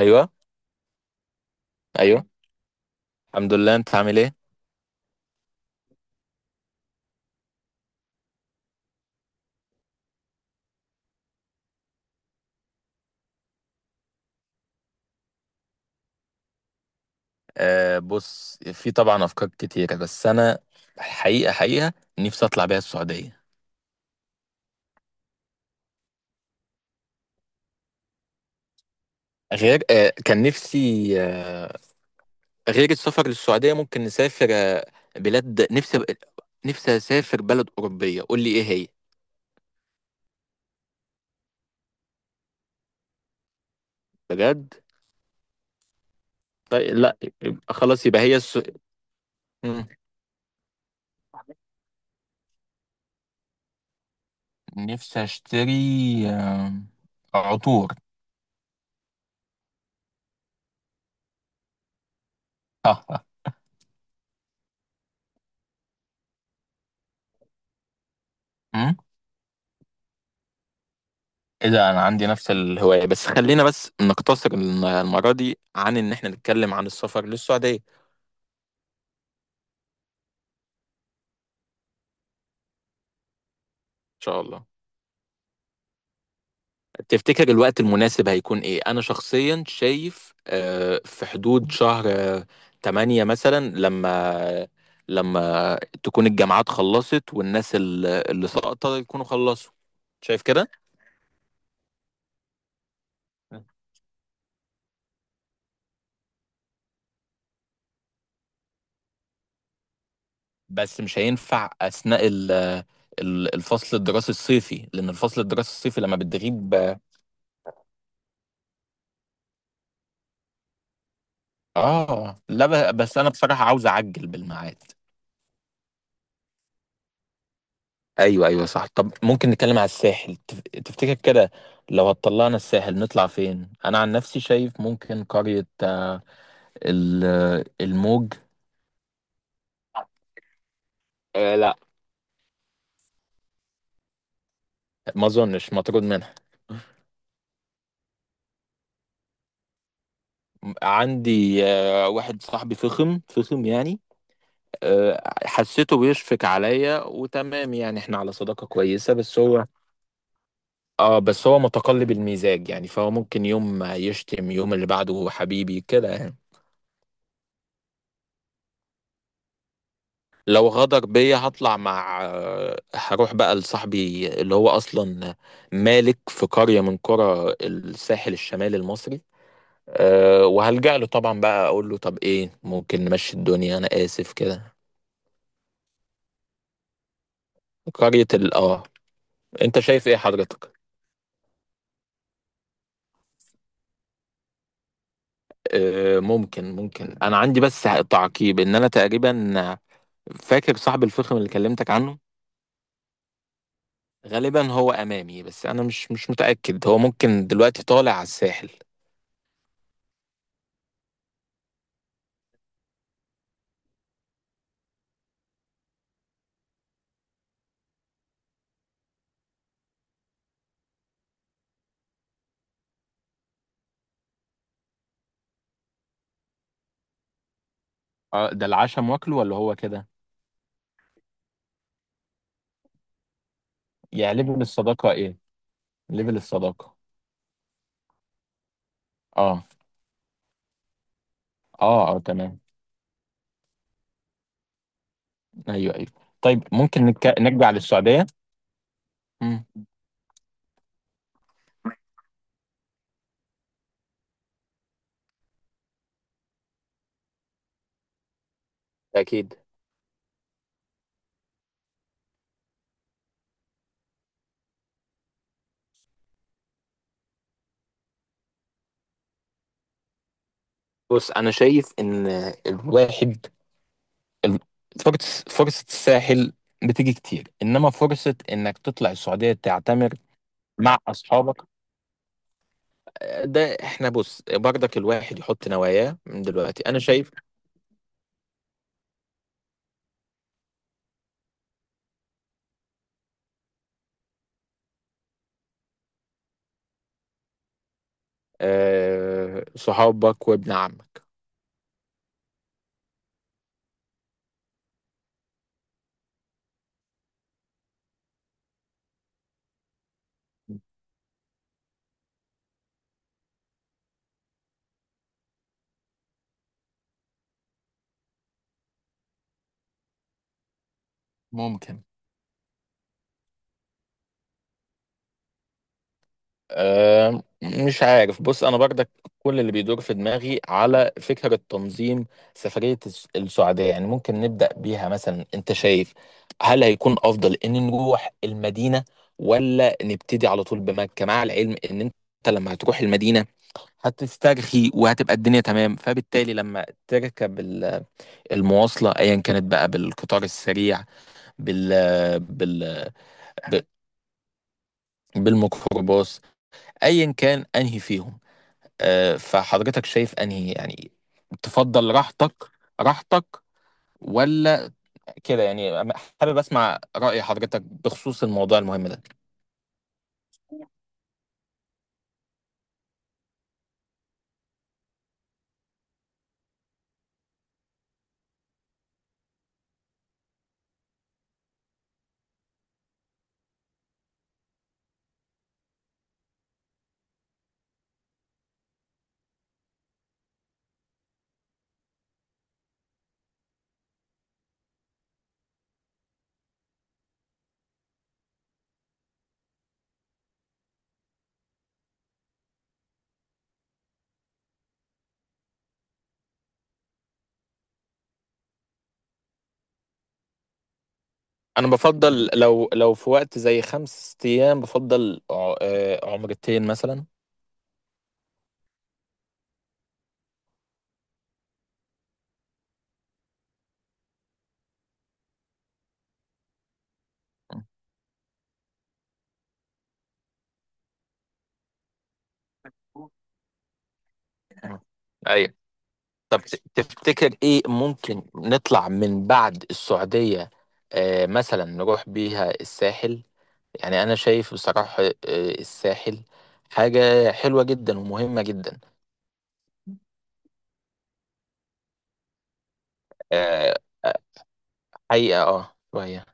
ايوه، ايوه. الحمد لله، انت عامل ايه؟ بص، في طبعا افكار كتيره، بس انا حقيقه حقيقه نفسي اطلع بيها السعوديه. غير كان نفسي. آه غير السفر للسعوديه، ممكن نسافر بلاد. نفسي نفسي اسافر بلد اوروبيه، قول لي ايه هي. بجد؟ طيب، لا. يبقى خلاص، يبقى هي. مم. نفسي اشتري عطور. ايه ده؟ انا عندي نفس الهواية، بس خلينا بس نقتصر المرة دي عن ان احنا نتكلم عن السفر للسعودية. ان شاء الله. تفتكر الوقت المناسب هيكون ايه؟ انا شخصيا شايف في حدود شهر 8 مثلا، لما لما تكون الجامعات خلصت والناس اللي سقطت يكونوا خلصوا. شايف كده. بس مش هينفع اثناء الفصل الدراسي الصيفي، لان الفصل الدراسي الصيفي لما بتغيب. اه، لا. بس انا بصراحة عاوز اعجل بالميعاد. ايوه، ايوه، صح. طب ممكن نتكلم على الساحل؟ تفتكر كده؟ لو هتطلعنا الساحل، نطلع فين؟ انا عن نفسي شايف ممكن قرية الموج. آه، لا. ما اظنش مطرود منها. عندي واحد صاحبي فخم فخم، يعني حسيته بيشفق عليا وتمام، يعني احنا على صداقة كويسة، بس هو متقلب المزاج، يعني فهو ممكن يوم يشتم يوم اللي بعده حبيبي كده، يعني لو غدر بيا هطلع مع هروح بقى لصاحبي، اللي هو اصلا مالك في قرية من قرى الساحل الشمالي المصري. أه، وهلجأ له طبعا، بقى اقول له طب ايه، ممكن نمشي الدنيا، انا اسف كده. قرية ال اه انت شايف ايه حضرتك؟ أه، ممكن، ممكن. انا عندي بس تعقيب، ان انا تقريبا فاكر صاحب الفخم اللي كلمتك عنه، غالبا هو امامي، بس انا مش متاكد، هو ممكن دلوقتي طالع على الساحل. اه، ده العشاء مواكله ولا هو كده؟ يعني ليفل الصداقة ايه؟ ليفل الصداقة. اه، اه، اه، تمام. ايوه، ايوه. طيب ممكن نرجع للسعودية؟ مم. اكيد. بص، انا شايف ان الواحد ال- فرصه الساحل بتيجي كتير، انما فرصه انك تطلع السعوديه تعتمر مع اصحابك ده احنا، بص برضك الواحد يحط نواياه من دلوقتي. انا شايف صحابك وابن عمك. ممكن. آه، مش عارف. بص، انا برضك كل اللي بيدور في دماغي على فكرة تنظيم سفرية السعودية، يعني ممكن نبدأ بيها مثلا. انت شايف هل هيكون افضل ان نروح المدينة، ولا نبتدي على طول بمكة؟ مع العلم ان انت لما هتروح المدينة هتسترخي، وهتبقى الدنيا تمام، فبالتالي لما تركب المواصلة ايا كانت بقى، بالقطار السريع، بال بال بالميكروباص، ايا كان انهي فيهم. فحضرتك شايف انهي يعني تفضل راحتك؟ راحتك ولا كده، يعني؟ حابب اسمع رأي حضرتك بخصوص الموضوع المهم ده. انا بفضل لو في وقت زي 5 ايام، بفضل عمرتين مثلا. ايوه. طب، تفتكر ايه ممكن نطلع من بعد السعودية؟ مثلا نروح بيها الساحل. يعني أنا شايف بصراحة الساحل حاجة حلوة جدا ومهمة جدا. آه، آه، حقيقة اه، شوية.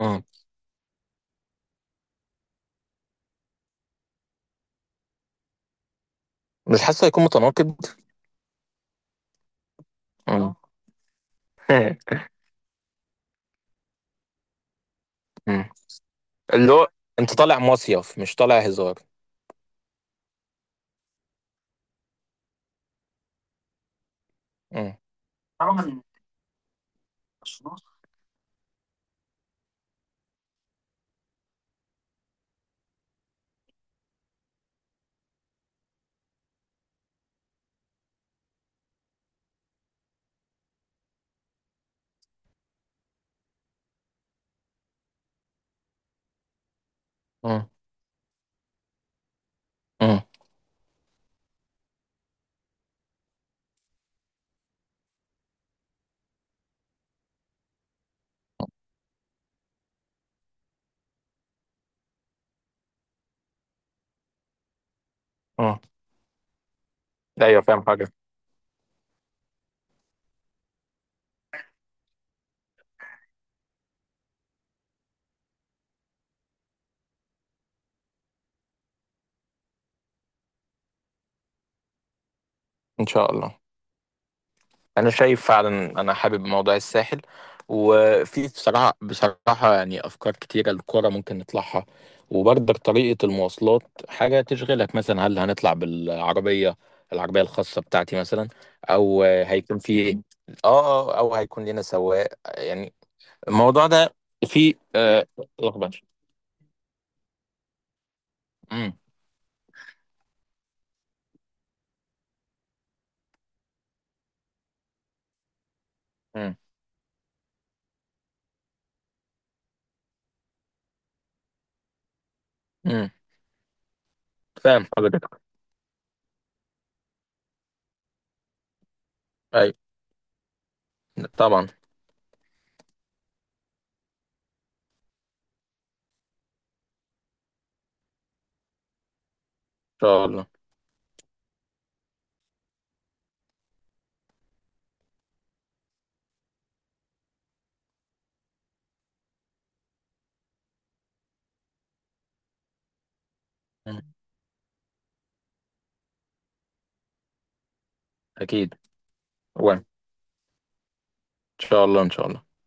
مم. مش حاسه هيكون متناقض؟ مم. مم. اللي هو انت طالع مصيف، مش طالع هزار. مم. مم. مم. مم. ايوه، فاهم حاجة. ان شاء الله. انا شايف فعلا، انا حابب موضوع الساحل، وفي بصراحه بصراحه يعني افكار كتيره للكوره ممكن نطلعها. وبرضك طريقه المواصلات حاجه تشغلك، مثلا هل هنطلع بالعربيه؟ العربيه الخاصه بتاعتي مثلا، او هيكون في... اه، او هيكون لنا سواق، يعني. الموضوع ده في لخبطه. امم امم امم فاهم حضرتك. اي، طبعا. ان شاء الله. مم. اكيد. وان ان شاء الله، ان شاء الله.